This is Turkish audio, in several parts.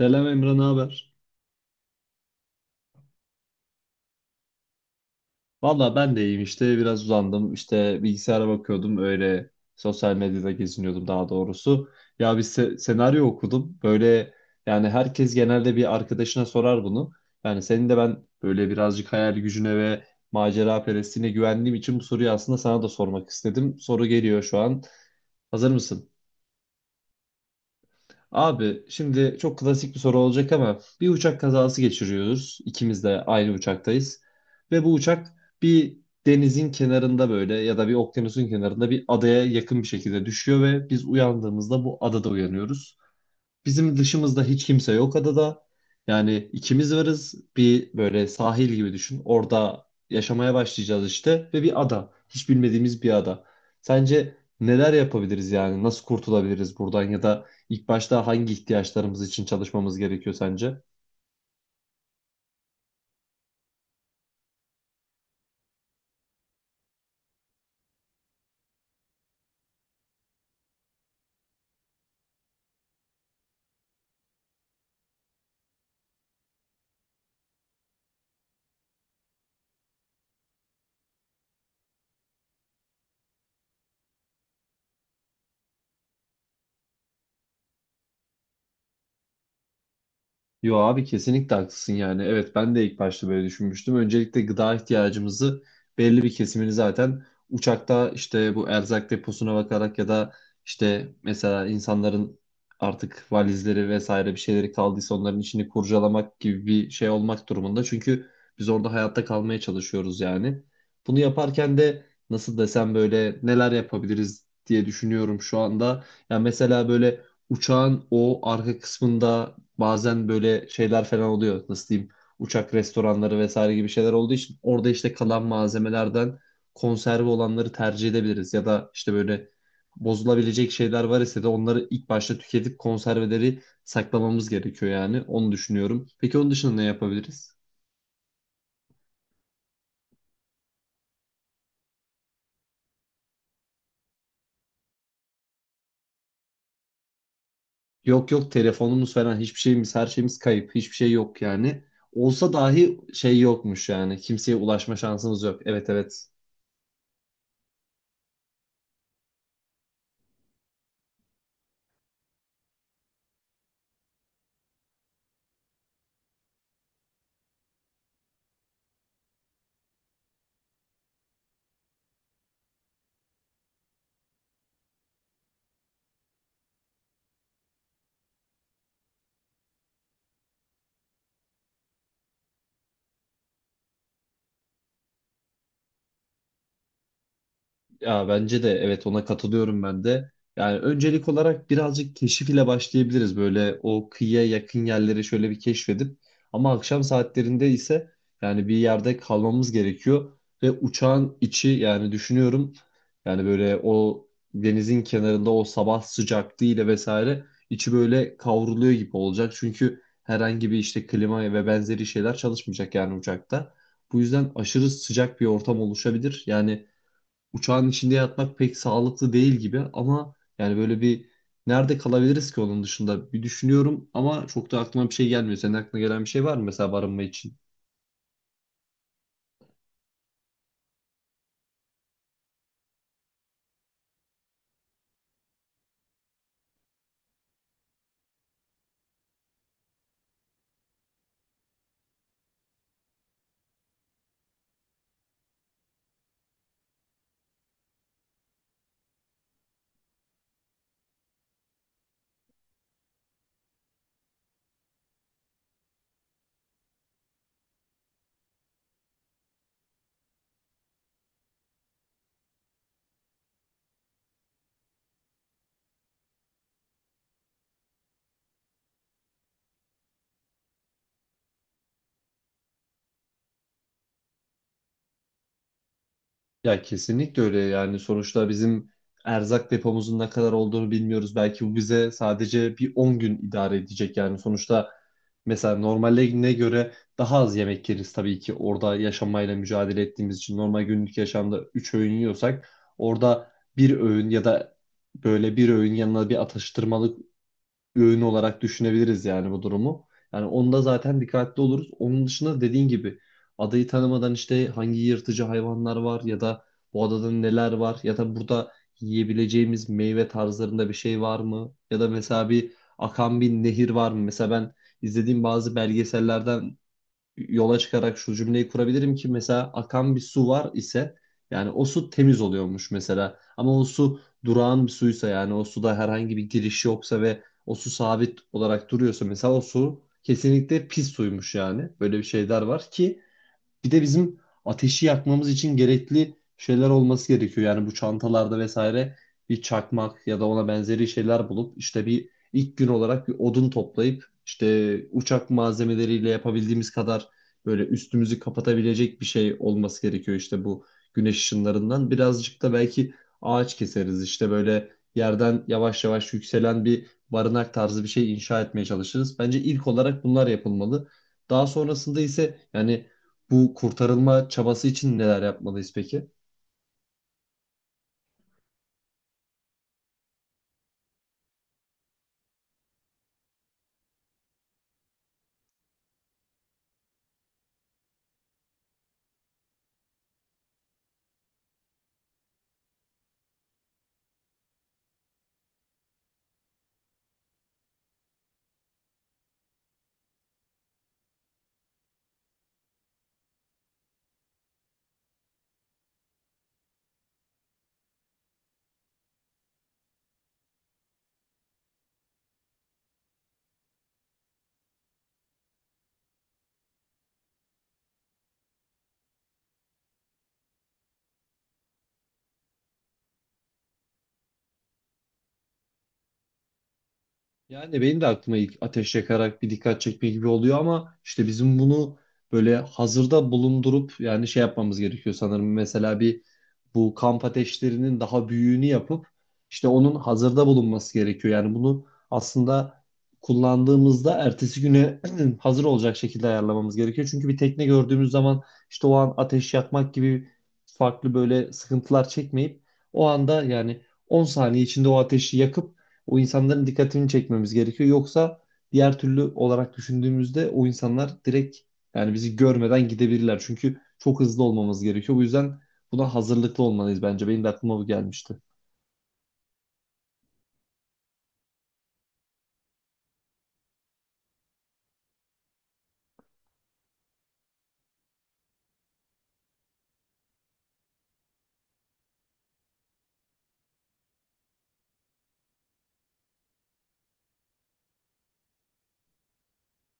Selam Emre, ne haber? Valla ben de iyiyim işte biraz uzandım işte bilgisayara bakıyordum öyle, sosyal medyada geziniyordum daha doğrusu. Ya bir senaryo okudum böyle, yani herkes genelde bir arkadaşına sorar bunu. Yani senin de ben böyle birazcık hayal gücüne ve macera perestliğine güvendiğim için bu soruyu aslında sana da sormak istedim. Soru geliyor şu an. Hazır mısın? Abi şimdi çok klasik bir soru olacak ama bir uçak kazası geçiriyoruz. İkimiz de aynı uçaktayız. Ve bu uçak bir denizin kenarında böyle ya da bir okyanusun kenarında bir adaya yakın bir şekilde düşüyor ve biz uyandığımızda bu adada uyanıyoruz. Bizim dışımızda hiç kimse yok adada. Yani ikimiz varız. Bir böyle sahil gibi düşün. Orada yaşamaya başlayacağız işte ve bir ada. Hiç bilmediğimiz bir ada. Sence neler yapabiliriz yani? Nasıl kurtulabiliriz buradan, ya da ilk başta hangi ihtiyaçlarımız için çalışmamız gerekiyor sence? Yo abi, kesinlikle haklısın yani. Evet, ben de ilk başta böyle düşünmüştüm. Öncelikle gıda ihtiyacımızı, belli bir kesimini zaten uçakta işte bu erzak deposuna bakarak, ya da işte mesela insanların artık valizleri vesaire bir şeyleri kaldıysa onların içini kurcalamak gibi bir şey olmak durumunda. Çünkü biz orada hayatta kalmaya çalışıyoruz yani. Bunu yaparken de nasıl desem, böyle neler yapabiliriz diye düşünüyorum şu anda. Ya mesela böyle uçağın o arka kısmında, bazen böyle şeyler falan oluyor. Nasıl diyeyim? Uçak restoranları vesaire gibi şeyler olduğu için orada işte kalan malzemelerden konserve olanları tercih edebiliriz. Ya da işte böyle bozulabilecek şeyler var ise de onları ilk başta tüketip konserveleri saklamamız gerekiyor yani. Onu düşünüyorum. Peki onun dışında ne yapabiliriz? Yok yok, telefonumuz falan hiçbir şeyimiz, her şeyimiz kayıp. Hiçbir şey yok yani. Olsa dahi şey yokmuş yani. Kimseye ulaşma şansımız yok. Evet evet. Ya bence de evet, ona katılıyorum ben de. Yani öncelik olarak birazcık keşif ile başlayabiliriz. Böyle o kıyıya yakın yerleri şöyle bir keşfedip, ama akşam saatlerinde ise yani bir yerde kalmamız gerekiyor ve uçağın içi, yani düşünüyorum, yani böyle o denizin kenarında o sabah sıcaklığıyla vesaire içi böyle kavruluyor gibi olacak. Çünkü herhangi bir işte klima ve benzeri şeyler çalışmayacak yani uçakta. Bu yüzden aşırı sıcak bir ortam oluşabilir. Yani uçağın içinde yatmak pek sağlıklı değil gibi, ama yani böyle bir nerede kalabiliriz ki, onun dışında bir düşünüyorum ama çok da aklıma bir şey gelmiyor. Senin aklına gelen bir şey var mı mesela, barınma için? Ya kesinlikle öyle, yani sonuçta bizim erzak depomuzun ne kadar olduğunu bilmiyoruz. Belki bu bize sadece bir 10 gün idare edecek, yani sonuçta mesela normaline göre daha az yemek yeriz tabii ki, orada yaşamayla mücadele ettiğimiz için. Normal günlük yaşamda 3 öğün yiyorsak orada bir öğün, ya da böyle bir öğün yanına bir atıştırmalık, bir öğün olarak düşünebiliriz yani bu durumu. Yani onda zaten dikkatli oluruz. Onun dışında, dediğin gibi, adayı tanımadan işte hangi yırtıcı hayvanlar var, ya da bu adada neler var, ya da burada yiyebileceğimiz meyve tarzlarında bir şey var mı? Ya da mesela bir akan bir nehir var mı? Mesela ben izlediğim bazı belgesellerden yola çıkarak şu cümleyi kurabilirim ki, mesela akan bir su var ise yani o su temiz oluyormuş mesela. Ama o su durağan bir suysa, yani o suda herhangi bir giriş yoksa ve o su sabit olarak duruyorsa, mesela o su kesinlikle pis suymuş yani. Böyle bir şeyler var ki, bir de bizim ateşi yakmamız için gerekli şeyler olması gerekiyor. Yani bu çantalarda vesaire bir çakmak ya da ona benzeri şeyler bulup, işte bir ilk gün olarak bir odun toplayıp, işte uçak malzemeleriyle yapabildiğimiz kadar böyle üstümüzü kapatabilecek bir şey olması gerekiyor, işte bu güneş ışınlarından. Birazcık da belki ağaç keseriz, işte böyle yerden yavaş yavaş yükselen bir barınak tarzı bir şey inşa etmeye çalışırız. Bence ilk olarak bunlar yapılmalı. Daha sonrasında ise, yani bu kurtarılma çabası için neler yapmalıyız peki? Yani benim de aklıma ilk ateş yakarak bir dikkat çekme gibi oluyor, ama işte bizim bunu böyle hazırda bulundurup yani şey yapmamız gerekiyor sanırım. Mesela bir, bu kamp ateşlerinin daha büyüğünü yapıp işte onun hazırda bulunması gerekiyor. Yani bunu aslında kullandığımızda ertesi güne hazır olacak şekilde ayarlamamız gerekiyor. Çünkü bir tekne gördüğümüz zaman işte o an ateş yakmak gibi farklı böyle sıkıntılar çekmeyip, o anda yani 10 saniye içinde o ateşi yakıp o insanların dikkatini çekmemiz gerekiyor. Yoksa diğer türlü olarak düşündüğümüzde o insanlar direkt, yani bizi görmeden gidebilirler. Çünkü çok hızlı olmamız gerekiyor. Bu yüzden buna hazırlıklı olmalıyız bence. Benim de aklıma bu gelmişti.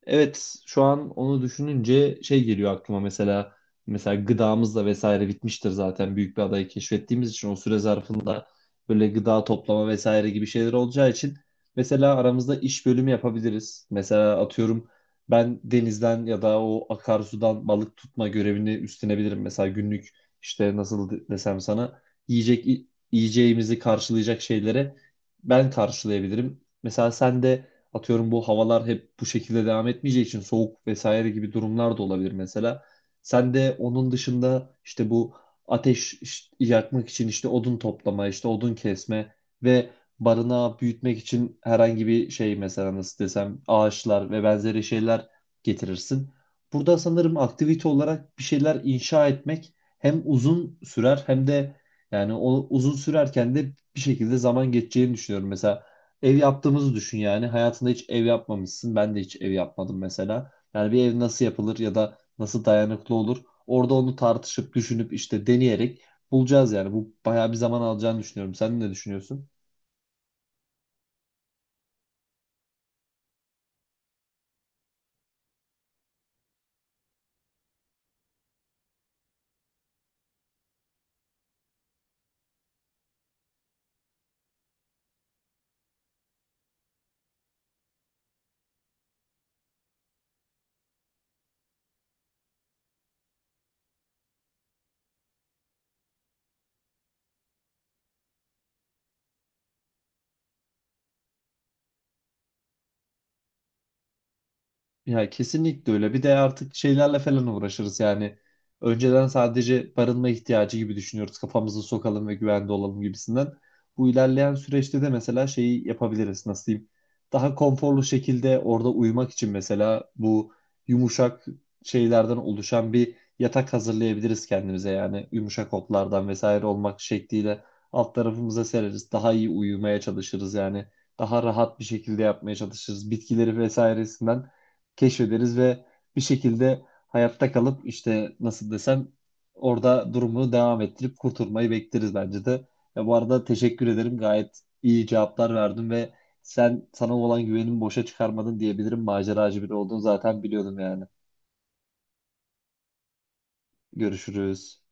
Evet, şu an onu düşününce şey geliyor aklıma, mesela gıdamız da vesaire bitmiştir zaten, büyük bir adayı keşfettiğimiz için o süre zarfında böyle gıda toplama vesaire gibi şeyler olacağı için, mesela aramızda iş bölümü yapabiliriz. Mesela atıyorum, ben denizden ya da o akarsudan balık tutma görevini üstlenebilirim. Mesela günlük işte nasıl desem sana, yiyecek yiyeceğimizi karşılayacak şeylere ben karşılayabilirim. Mesela sen de, atıyorum, bu havalar hep bu şekilde devam etmeyeceği için soğuk vesaire gibi durumlar da olabilir mesela. Sen de onun dışında işte bu ateş yakmak için işte odun toplama, işte odun kesme ve barınağı büyütmek için herhangi bir şey, mesela nasıl desem, ağaçlar ve benzeri şeyler getirirsin. Burada sanırım aktivite olarak bir şeyler inşa etmek hem uzun sürer, hem de yani o uzun sürerken de bir şekilde zaman geçeceğini düşünüyorum. Mesela ev yaptığımızı düşün yani. Hayatında hiç ev yapmamışsın. Ben de hiç ev yapmadım mesela. Yani bir ev nasıl yapılır, ya da nasıl dayanıklı olur? Orada onu tartışıp, düşünüp, işte deneyerek bulacağız yani. Bu bayağı bir zaman alacağını düşünüyorum. Sen ne düşünüyorsun? Ya kesinlikle öyle. Bir de artık şeylerle falan uğraşırız yani. Önceden sadece barınma ihtiyacı gibi düşünüyoruz. Kafamızı sokalım ve güvende olalım gibisinden. Bu ilerleyen süreçte de mesela şeyi yapabiliriz. Nasıl diyeyim? Daha konforlu şekilde orada uyumak için mesela bu yumuşak şeylerden oluşan bir yatak hazırlayabiliriz kendimize yani. Yumuşak otlardan vesaire olmak şekliyle alt tarafımıza sereriz. Daha iyi uyumaya çalışırız yani. Daha rahat bir şekilde yapmaya çalışırız. Bitkileri vesairesinden keşfederiz ve bir şekilde hayatta kalıp, işte nasıl desem, orada durumunu devam ettirip kurtulmayı bekleriz bence de. Ya bu arada teşekkür ederim. Gayet iyi cevaplar verdin ve sen, sana olan güvenimi boşa çıkarmadın diyebilirim. Maceracı biri olduğunu zaten biliyordum yani. Görüşürüz.